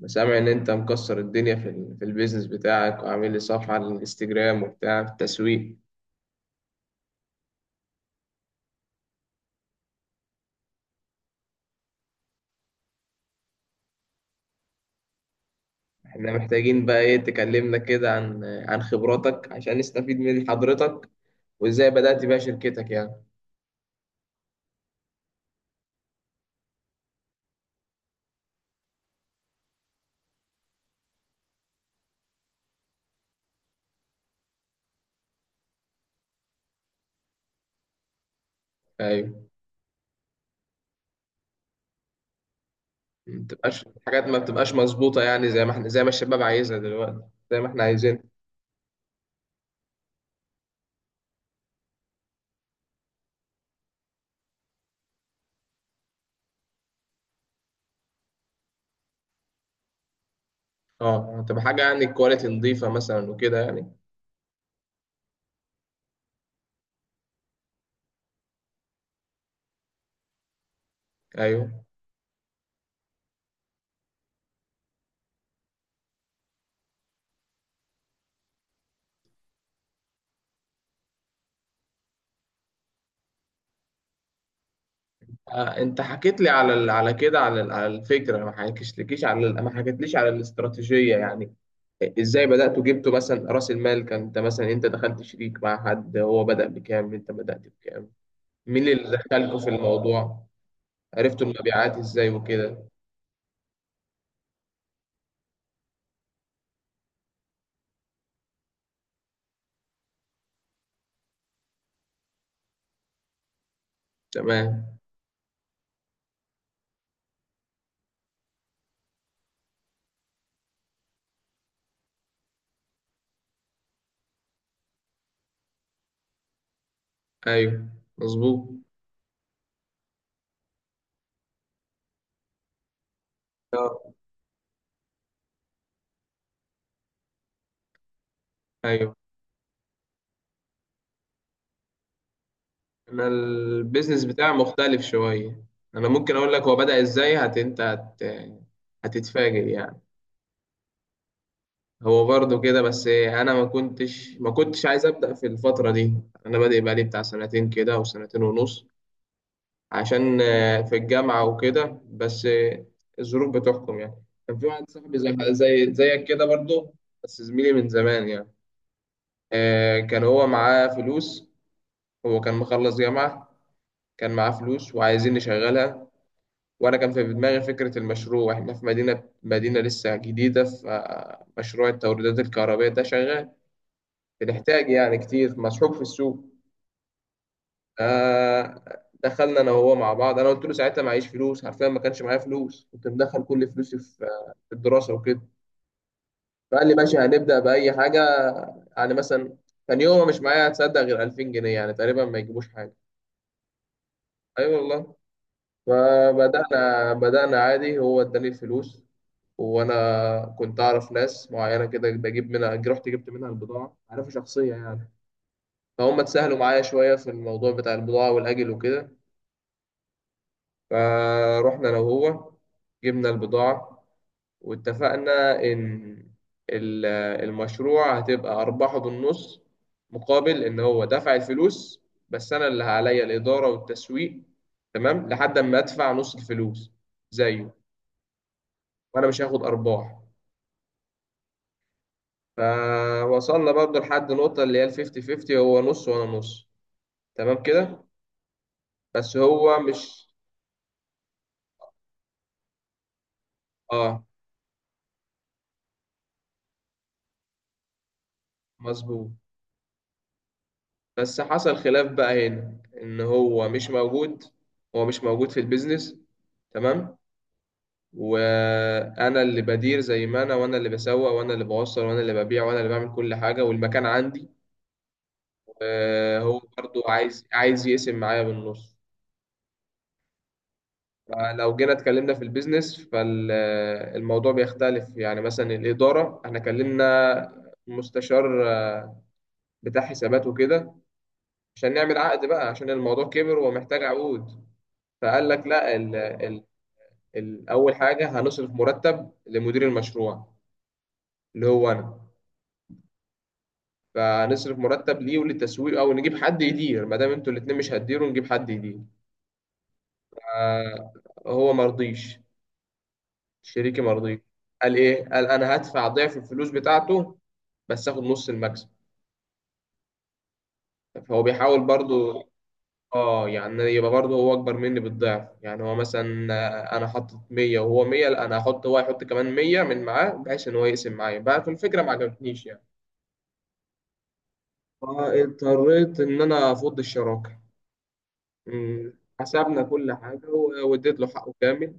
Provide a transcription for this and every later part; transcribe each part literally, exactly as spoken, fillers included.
أنا سامع ان انت مكسر الدنيا في ال- في البيزنس بتاعك وعامل لي صفحة على الانستجرام وبتاع في التسويق. احنا محتاجين بقى ايه، تكلمنا كده عن عن خبراتك عشان نستفيد من حضرتك وازاي بدأت بيها شركتك يعني. ايوه. ما بتبقاش حاجات، ما بتبقاش مظبوطة يعني، زي ما احنا زي ما الشباب عايزها دلوقتي، زي ما احنا عايزين. اه، تبقى حاجة يعني كواليتي نظيفة مثلا وكده يعني. ايوه. آه، انت حكيت لي على ال- على كده، على ال- على الفكره، ما حكيتش لكيش على ال- ما حكيتليش على الاستراتيجيه يعني. ازاي بداتوا، جبتوا مثلا راس المال كان، انت مثلا انت دخلت شريك مع حد، هو بدا بكام، انت بدات بكام، مين اللي دخلكوا في الموضوع، عرفتوا المبيعات ازاي وكده؟ تمام. ايوه. مظبوط. آه، ايوه. انا البيزنس بتاعي مختلف شويه. انا ممكن اقول لك هو بدا ازاي. هت انت هت... هتتفاجئ يعني. هو برضه كده، بس انا ما كنتش ما كنتش عايز ابدا في الفتره دي. انا بادئ بقالي بتاع سنتين كده او سنتين ونص، عشان آه، في الجامعه وكده، بس آه، الظروف بتحكم يعني. كان في واحد صاحبي زي زي- زيك كده برضه، بس زميلي من زمان يعني. آه، كان هو معاه فلوس، هو كان مخلص جامعه، كان معاه فلوس وعايزين نشغلها. وانا كان في دماغي فكره المشروع. احنا في مدينه مدينه لسه جديده، فمشروع التوريدات الكهربائيه ده شغال، بنحتاج يعني كتير، مسحوق في السوق. آه دخلنا انا وهو مع بعض. انا قلت له ساعتها معيش فلوس، حرفيا ما كانش معايا فلوس، كنت مدخل كل فلوسي في آه، في الدراسه وكده. فقال لي ماشي هنبدا باي حاجه. يعني مثلا كان يومها مش معايا، هتصدق، غير ألفين جنيه يعني، تقريبا ما يجيبوش حاجه. اي، أيوة والله. فبدانا بدانا عادي، هو اداني الفلوس. وانا كنت اعرف ناس معينه كده بجيب منها، رحت جبت منها البضاعه، عارفه شخصيه يعني، فهم اتسهلوا معايا شويه في الموضوع بتاع البضاعه والاجل وكده. فروحنا انا وهو جبنا البضاعة، واتفقنا ان ال- المشروع هتبقى ارباحه بالنص، مقابل ان هو دفع الفلوس، بس انا اللي عليا الادارة والتسويق. تمام، لحد ما ادفع نص الفلوس زيه وانا مش هاخد ارباح. فوصلنا برضه لحد نقطة اللي هي ال خمسين خمسين، هو نص وانا نص. تمام كده. بس هو مش... اه، مظبوط. بس حصل خلاف بقى هنا، ان هو مش موجود، هو مش موجود في البيزنس. تمام. وانا اللي بدير زي ما انا، وانا اللي بسوق، وانا اللي بوصل، وانا اللي ببيع، وانا اللي بعمل كل حاجه، والمكان عندي. آه، هو برضو عايز عايز يقسم معايا بالنص. فلو جينا اتكلمنا في البيزنس فالموضوع بيختلف، يعني مثلا الاداره. احنا كلمنا مستشار بتاع حسابات وكده عشان نعمل عقد بقى، عشان الموضوع كبر ومحتاج عقود. فقال لك لا، ال- اول حاجه هنصرف مرتب لمدير المشروع، اللي هو انا. فنصرف مرتب ليه وللتسويق، او نجيب حد يدير. ما دام انتوا الاتنين مش هتديروا نجيب حد يدير. آه، هو مرضيش، شريكي مرضيش. قال ايه؟ قال انا هدفع ضعف الفلوس بتاعته بس اخد نص المكسب. فهو بيحاول برضو. اه، يعني يبقى برضو هو اكبر مني بالضعف. يعني هو مثلا، آه، انا حطيت مية وهو مية، لا انا هحط هو يحط كمان مية من معاه، بحيث ان هو يقسم معايا بقى. في الفكره ما عجبتنيش يعني. فاضطريت إن أنا أفض الشراكة. مم. حسبنا كل حاجة، و- واديت له حقه كامل،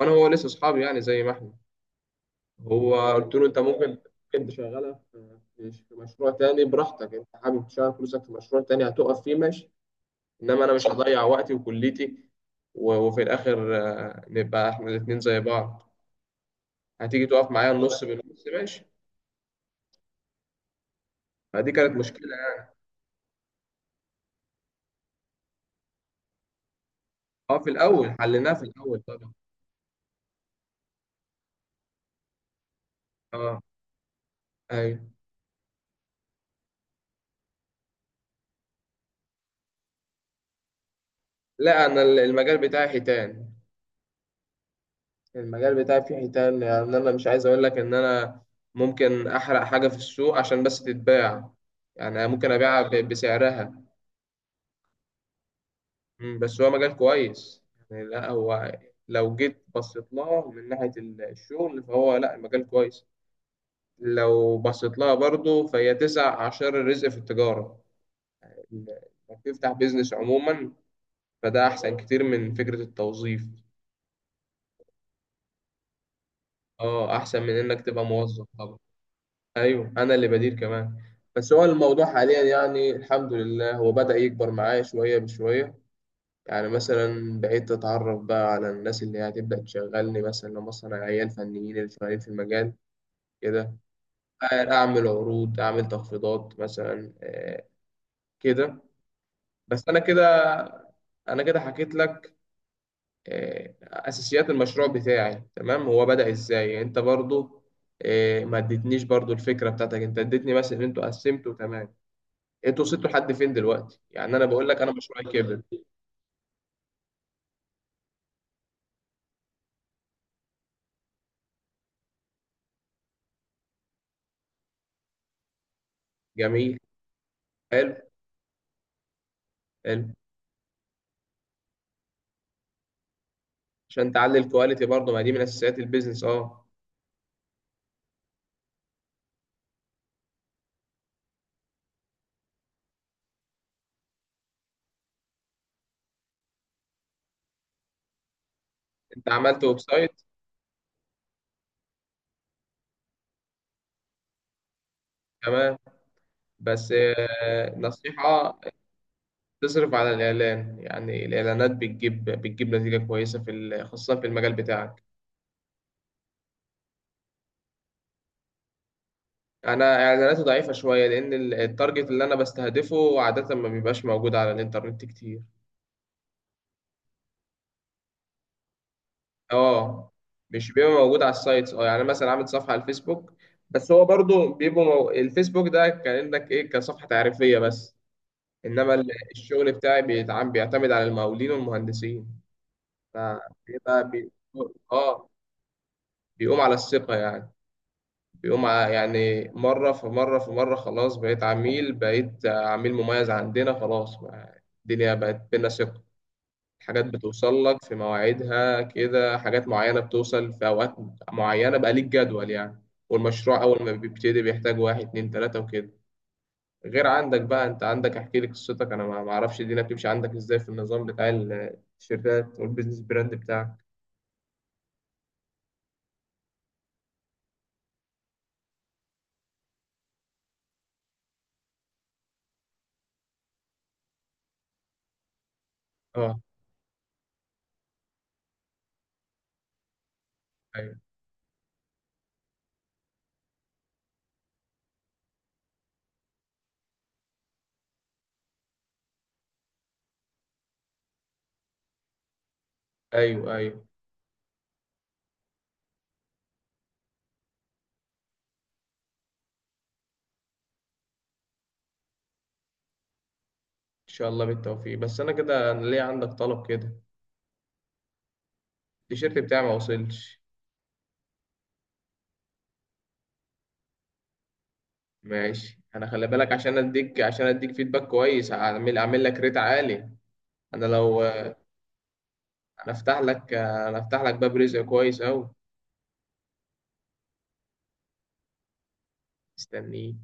وأنا هو لسه أصحابي يعني زي ما إحنا. هو قلت له أنت ممكن، ممكن تشغلها في في مشروع تاني براحتك. أنت حابب تشغل فلوسك في مشروع تاني هتقف فيه، ماشي، إنما أنا مش هضيع وقتي وكليتي. و- وفي الآخر آه، نبقى إحنا الاتنين زي بعض، هتيجي تقف معايا النص بالنص، ماشي. فدي كانت مشكلة يعني. اه، في الأول حليناها، في الأول طبعا. اه. أيوه. لا، أنا المجال بتاعي حيتان، المجال بتاعي فيه حيتان. يعني انا مش عايز اقول لك ان انا ممكن احرق حاجه في السوق عشان بس تتباع. يعني ممكن ابيعها ب- بسعرها. مم، بس هو مجال كويس، يعني لا، هو لو جيت بصيت لها من ناحيه ال- الشغل فهو لا، المجال كويس. لو بصيت لها برضه فهي تسع اعشار الرزق في التجاره، انك تفتح بيزنس عموما. فده احسن كتير من فكره التوظيف. اه، احسن من انك تبقى موظف. ايوه، انا اللي بدير كمان. بس هو الموضوع حاليا يعني الحمد لله، هو بدأ يكبر معايا شويه بشويه. يعني مثلا بقيت اتعرف بقى على الناس اللي هي هتبدأ تشغلني، مثلا لما مثلا عيال فنيين اللي شغالين في المجال كده. اعمل عروض، اعمل تخفيضات مثلا، آه، كده. بس انا كده، انا كده حكيت لك آه، اساسيات المشروع بتاعي. تمام. هو بدأ ازاي؟ يعني انت برضو آه، ما اديتنيش برضو الفكره بتاعتك. انت اديتني بس ان انتوا قسمتوا. تمام. انتوا وصلتوا لحد فين دلوقتي؟ يعني انا بقول لك انا مشروعي كبر. جميل. حلو، حلو. عشان تعلي الكواليتي برضه، ما دي من اساسيات البيزنس. اه. انت عملت ويب سايت. تمام. بس آه، نصيحة، تصرف على الاعلان. يعني الاعلانات بتجيب بتجيب نتيجة كويسة، في ال- خاصة في المجال بتاعك. انا اعلاناتي ضعيفة شوية، لان ال- التارجت اللي انا بستهدفه عادة ما بيبقاش موجود على الانترنت كتير. اه، مش بيبقى موجود على السايتس. اه، يعني أنا مثلا عامل صفحه على الفيسبوك، بس هو برضو بيبقى مو... الفيسبوك ده كانك ايه، كصفحه تعريفيه بس. انما ال- الشغل بتاعي بيتعم بيعتمد على المقاولين والمهندسين. فبيبقى بي... اه، بيقوم على الثقه يعني. بيقوم على يعني، مره في مره في مره، خلاص بقيت عميل بقيت عميل مميز عندنا خلاص. يعني الدنيا بقت بينا ثقه، حاجات بتوصل لك في مواعيدها كده، حاجات معينة بتوصل في أوقات معينة، بقى ليك جدول يعني. والمشروع أول ما بيبتدي بيحتاج واحد اتنين تلاتة وكده. غير عندك بقى. أنت عندك أحكي لي قصتك، أنا ما ما أعرفش الدنيا بتمشي عندك إزاي في النظام بتاع التيشيرتات والبيزنس براند بتاعك. أه. أيوه، أيوه، أيوه. إن شاء الله بالتوفيق. بس أنا كده، أنا ليه عندك طلب كده. التيشيرت بتاعي ما وصلش. ماشي، أنا خلي بالك، عشان أديك عشان أديك فيدباك كويس، أعمل أعمل لك ريت عالي. انا لو انا افتح لك انا افتح لك باب رزق كويس اوي. مستنيه.